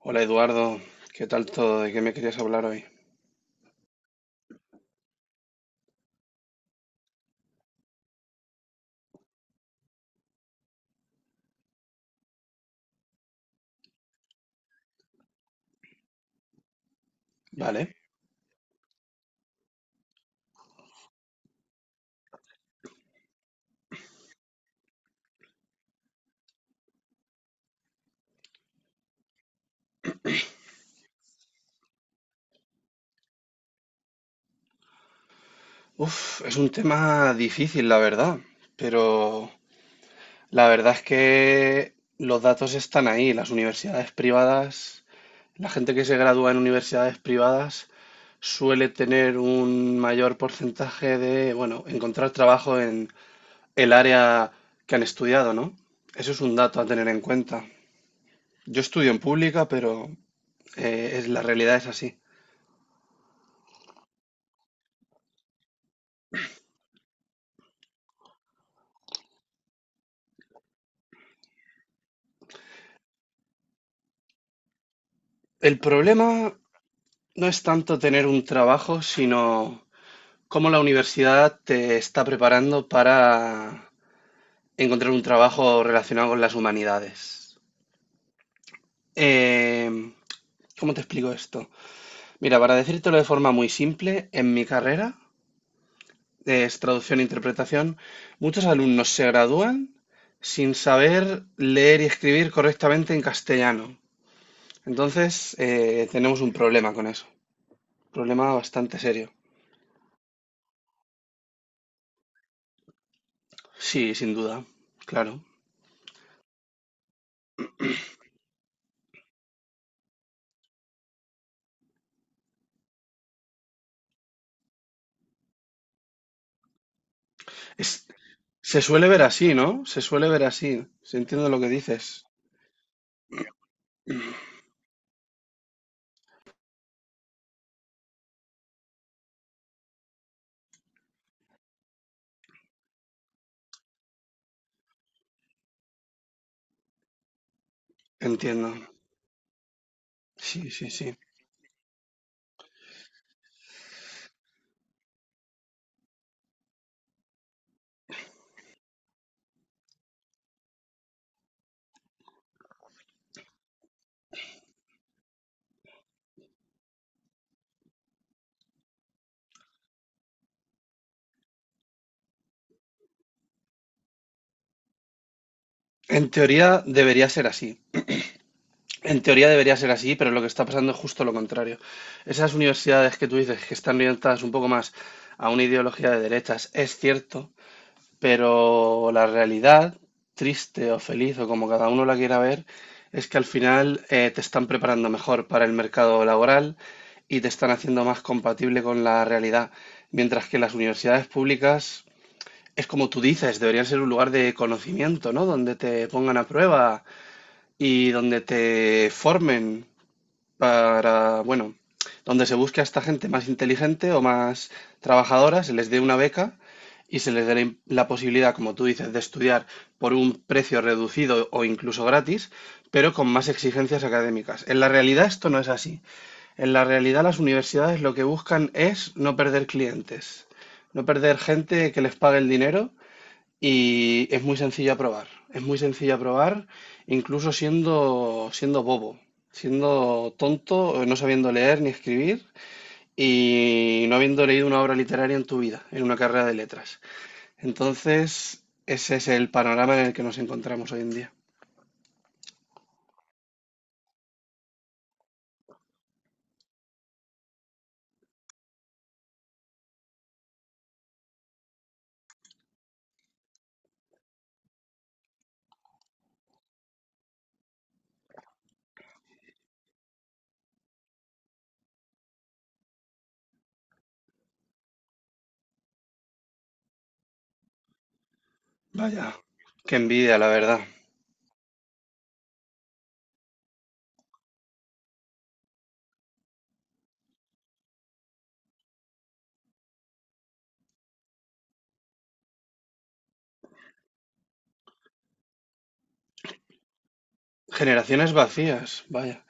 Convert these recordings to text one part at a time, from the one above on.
Hola Eduardo, ¿qué tal todo? ¿De qué me querías hablar hoy? Vale. Uf, es un tema difícil, la verdad, pero la verdad es que los datos están ahí. Las universidades privadas, la gente que se gradúa en universidades privadas suele tener un mayor porcentaje de, bueno, encontrar trabajo en el área que han estudiado, ¿no? Eso es un dato a tener en cuenta. Yo estudio en pública, pero es, la realidad es así. El problema no es tanto tener un trabajo, sino cómo la universidad te está preparando para encontrar un trabajo relacionado con las humanidades. Em, ¿Cómo te explico esto? Mira, para decírtelo de forma muy simple, en mi carrera, que es traducción e interpretación, muchos alumnos se gradúan sin saber leer y escribir correctamente en castellano. Entonces, tenemos un problema con eso, problema bastante serio. Sí, sin duda, claro. Es- Se suele ver así, ¿no? Se suele ver así. Se entiende lo que dices. Entiendo. Sí, sí, sí. En teoría debería ser así. En teoría debería ser así, pero lo que está pasando es justo lo contrario. Esas universidades que tú dices que están orientadas un poco más a una ideología de derechas, es cierto, pero la realidad, triste o feliz o como cada uno la quiera ver, es que al final te están preparando mejor para el mercado laboral y te están haciendo más compatible con la realidad. Mientras que las universidades públicas, es como tú dices, deberían ser un lugar de conocimiento, ¿no? Donde te pongan a prueba y donde te formen para, bueno, donde se busque a esta gente más inteligente o más trabajadora, se les dé una beca y se les dé la, la posibilidad, como tú dices, de estudiar por un precio reducido o incluso gratis, pero con más exigencias académicas. En la realidad esto no es así. En la realidad las universidades lo que buscan es no perder clientes, no perder gente que les pague el dinero y es muy sencillo aprobar. Es muy sencillo aprobar, incluso siendo, siendo bobo, siendo tonto, no sabiendo leer ni escribir y no habiendo leído una obra literaria en tu vida, en una carrera de letras. Entonces, ese es el panorama en el que nos encontramos hoy en día. Vaya, qué envidia, la verdad. Generaciones vacías, vaya.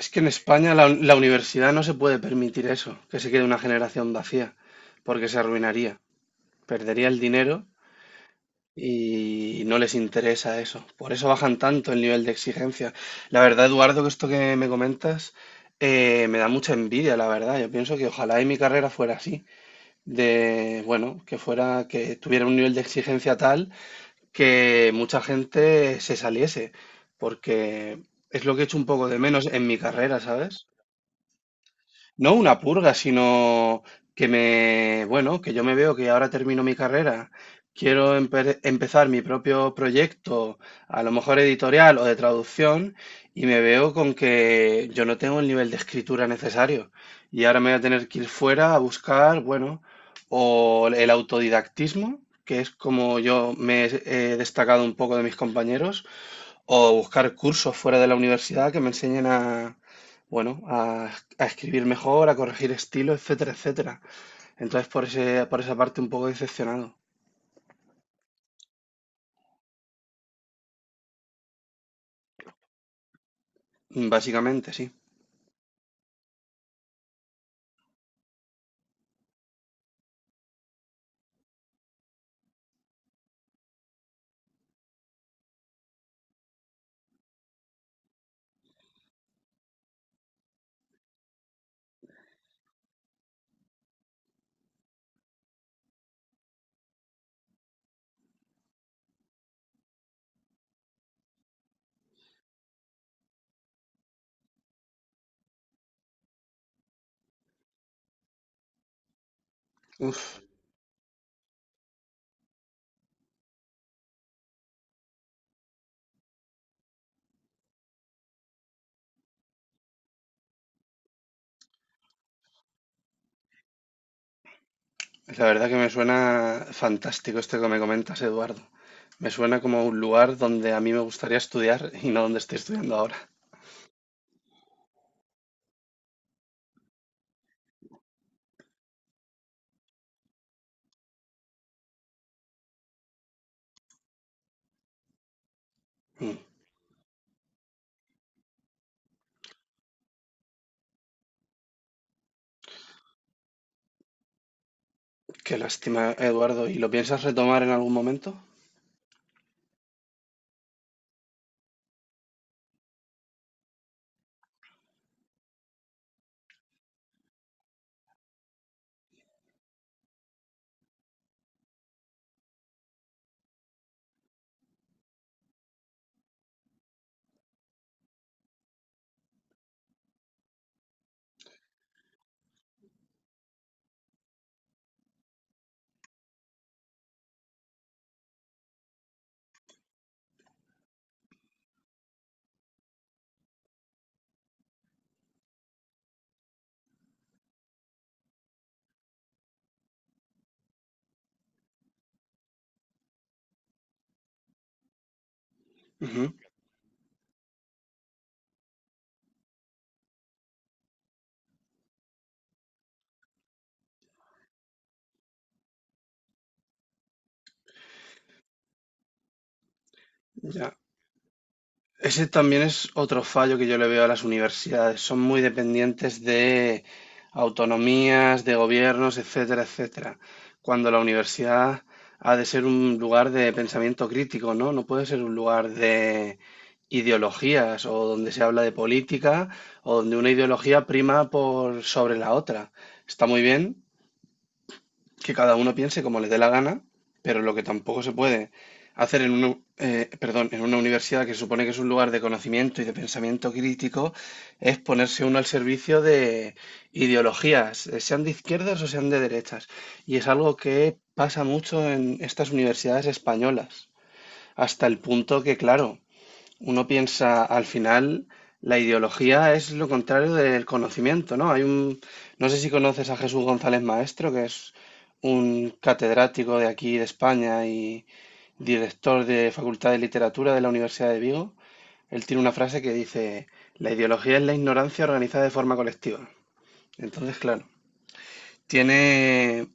Es que en España la, la universidad no se puede permitir eso, que se quede una generación vacía, porque se arruinaría. Perdería el dinero y no les interesa eso. Por eso bajan tanto el nivel de exigencia. La verdad, Eduardo, que esto que me comentas me da mucha envidia, la verdad. Yo pienso que ojalá y mi carrera fuera así, de, bueno, que fuera, que tuviera un nivel de exigencia tal que mucha gente se saliese, porque es lo que he hecho un poco de menos en mi carrera, ¿sabes? No una purga, sino que me, bueno, que yo me veo que ahora termino mi carrera, quiero empezar mi propio proyecto, a lo mejor editorial o de traducción, y me veo con que yo no tengo el nivel de escritura necesario. Y ahora me voy a tener que ir fuera a buscar, bueno, o el autodidactismo, que es como yo me he destacado un poco de mis compañeros, o buscar cursos fuera de la universidad que me enseñen a, bueno, a escribir mejor, a corregir estilo, etcétera, etcétera. Entonces, por ese, por esa parte un poco decepcionado. Básicamente, sí. Uf, la verdad que me suena fantástico esto que me comentas, Eduardo. Me suena como un lugar donde a mí me gustaría estudiar y no donde estoy estudiando ahora. Mm. Qué lástima, Eduardo. ¿Y lo piensas retomar en algún momento? Ujú. Ya. Ese también es otro fallo que yo le veo a las universidades. Son muy dependientes de autonomías, de gobiernos, etcétera, etcétera. Cuando la universidad ha de ser un lugar de pensamiento crítico, ¿no? No puede ser un lugar de ideologías o donde se habla de política o donde una ideología prima por sobre la otra. Está muy bien, que cada uno piense como le dé la gana, pero lo que tampoco se puede hacer en una, perdón, en una universidad que se supone que es un lugar de conocimiento y de pensamiento crítico es ponerse uno al servicio de ideologías, sean de izquierdas o sean de derechas. Y es algo que pasa mucho en estas universidades españolas, hasta el punto que, claro, uno piensa, al final, la ideología es lo contrario del conocimiento, ¿no? Hay un, no sé si conoces a Jesús González Maestro, que es un catedrático de aquí de España y director de Facultad de Literatura de la Universidad de Vigo. Él tiene una frase que dice, la ideología es la ignorancia organizada de forma colectiva. Entonces, claro, tiene,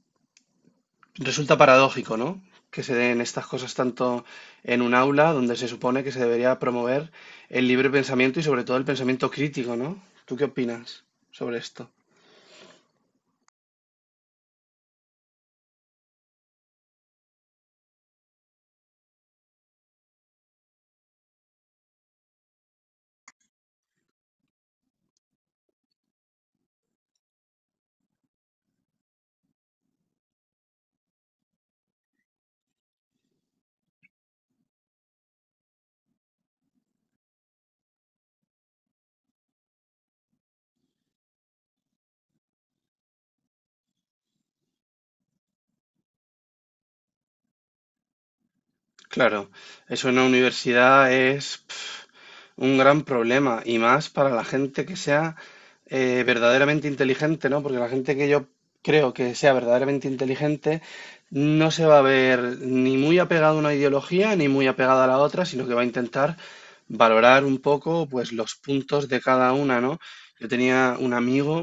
resulta paradójico, ¿no? Que se den estas cosas tanto en un aula donde se supone que se debería promover el libre pensamiento y sobre todo el pensamiento crítico, ¿no? ¿Tú qué opinas sobre esto? Claro, eso en la universidad es pf, un gran problema y más para la gente que sea verdaderamente inteligente, ¿no? Porque la gente que yo creo que sea verdaderamente inteligente no se va a ver ni muy apegada a una ideología ni muy apegada a la otra, sino que va a intentar valorar un poco pues los puntos de cada una, ¿no? Yo tenía un amigo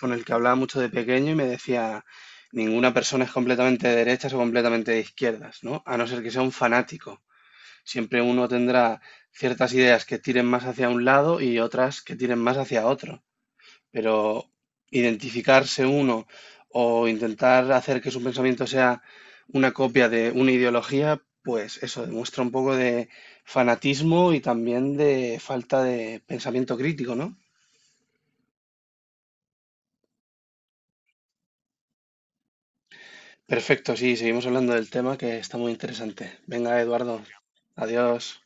con el que hablaba mucho de pequeño y me decía, ninguna persona es completamente de derechas o completamente de izquierdas, ¿no? A no ser que sea un fanático. Siempre uno tendrá ciertas ideas que tiren más hacia un lado y otras que tiren más hacia otro. Pero identificarse uno o intentar hacer que su pensamiento sea una copia de una ideología, pues eso demuestra un poco de fanatismo y también de falta de pensamiento crítico, ¿no? Perfecto, sí, seguimos hablando del tema que está muy interesante. Venga, Eduardo, adiós.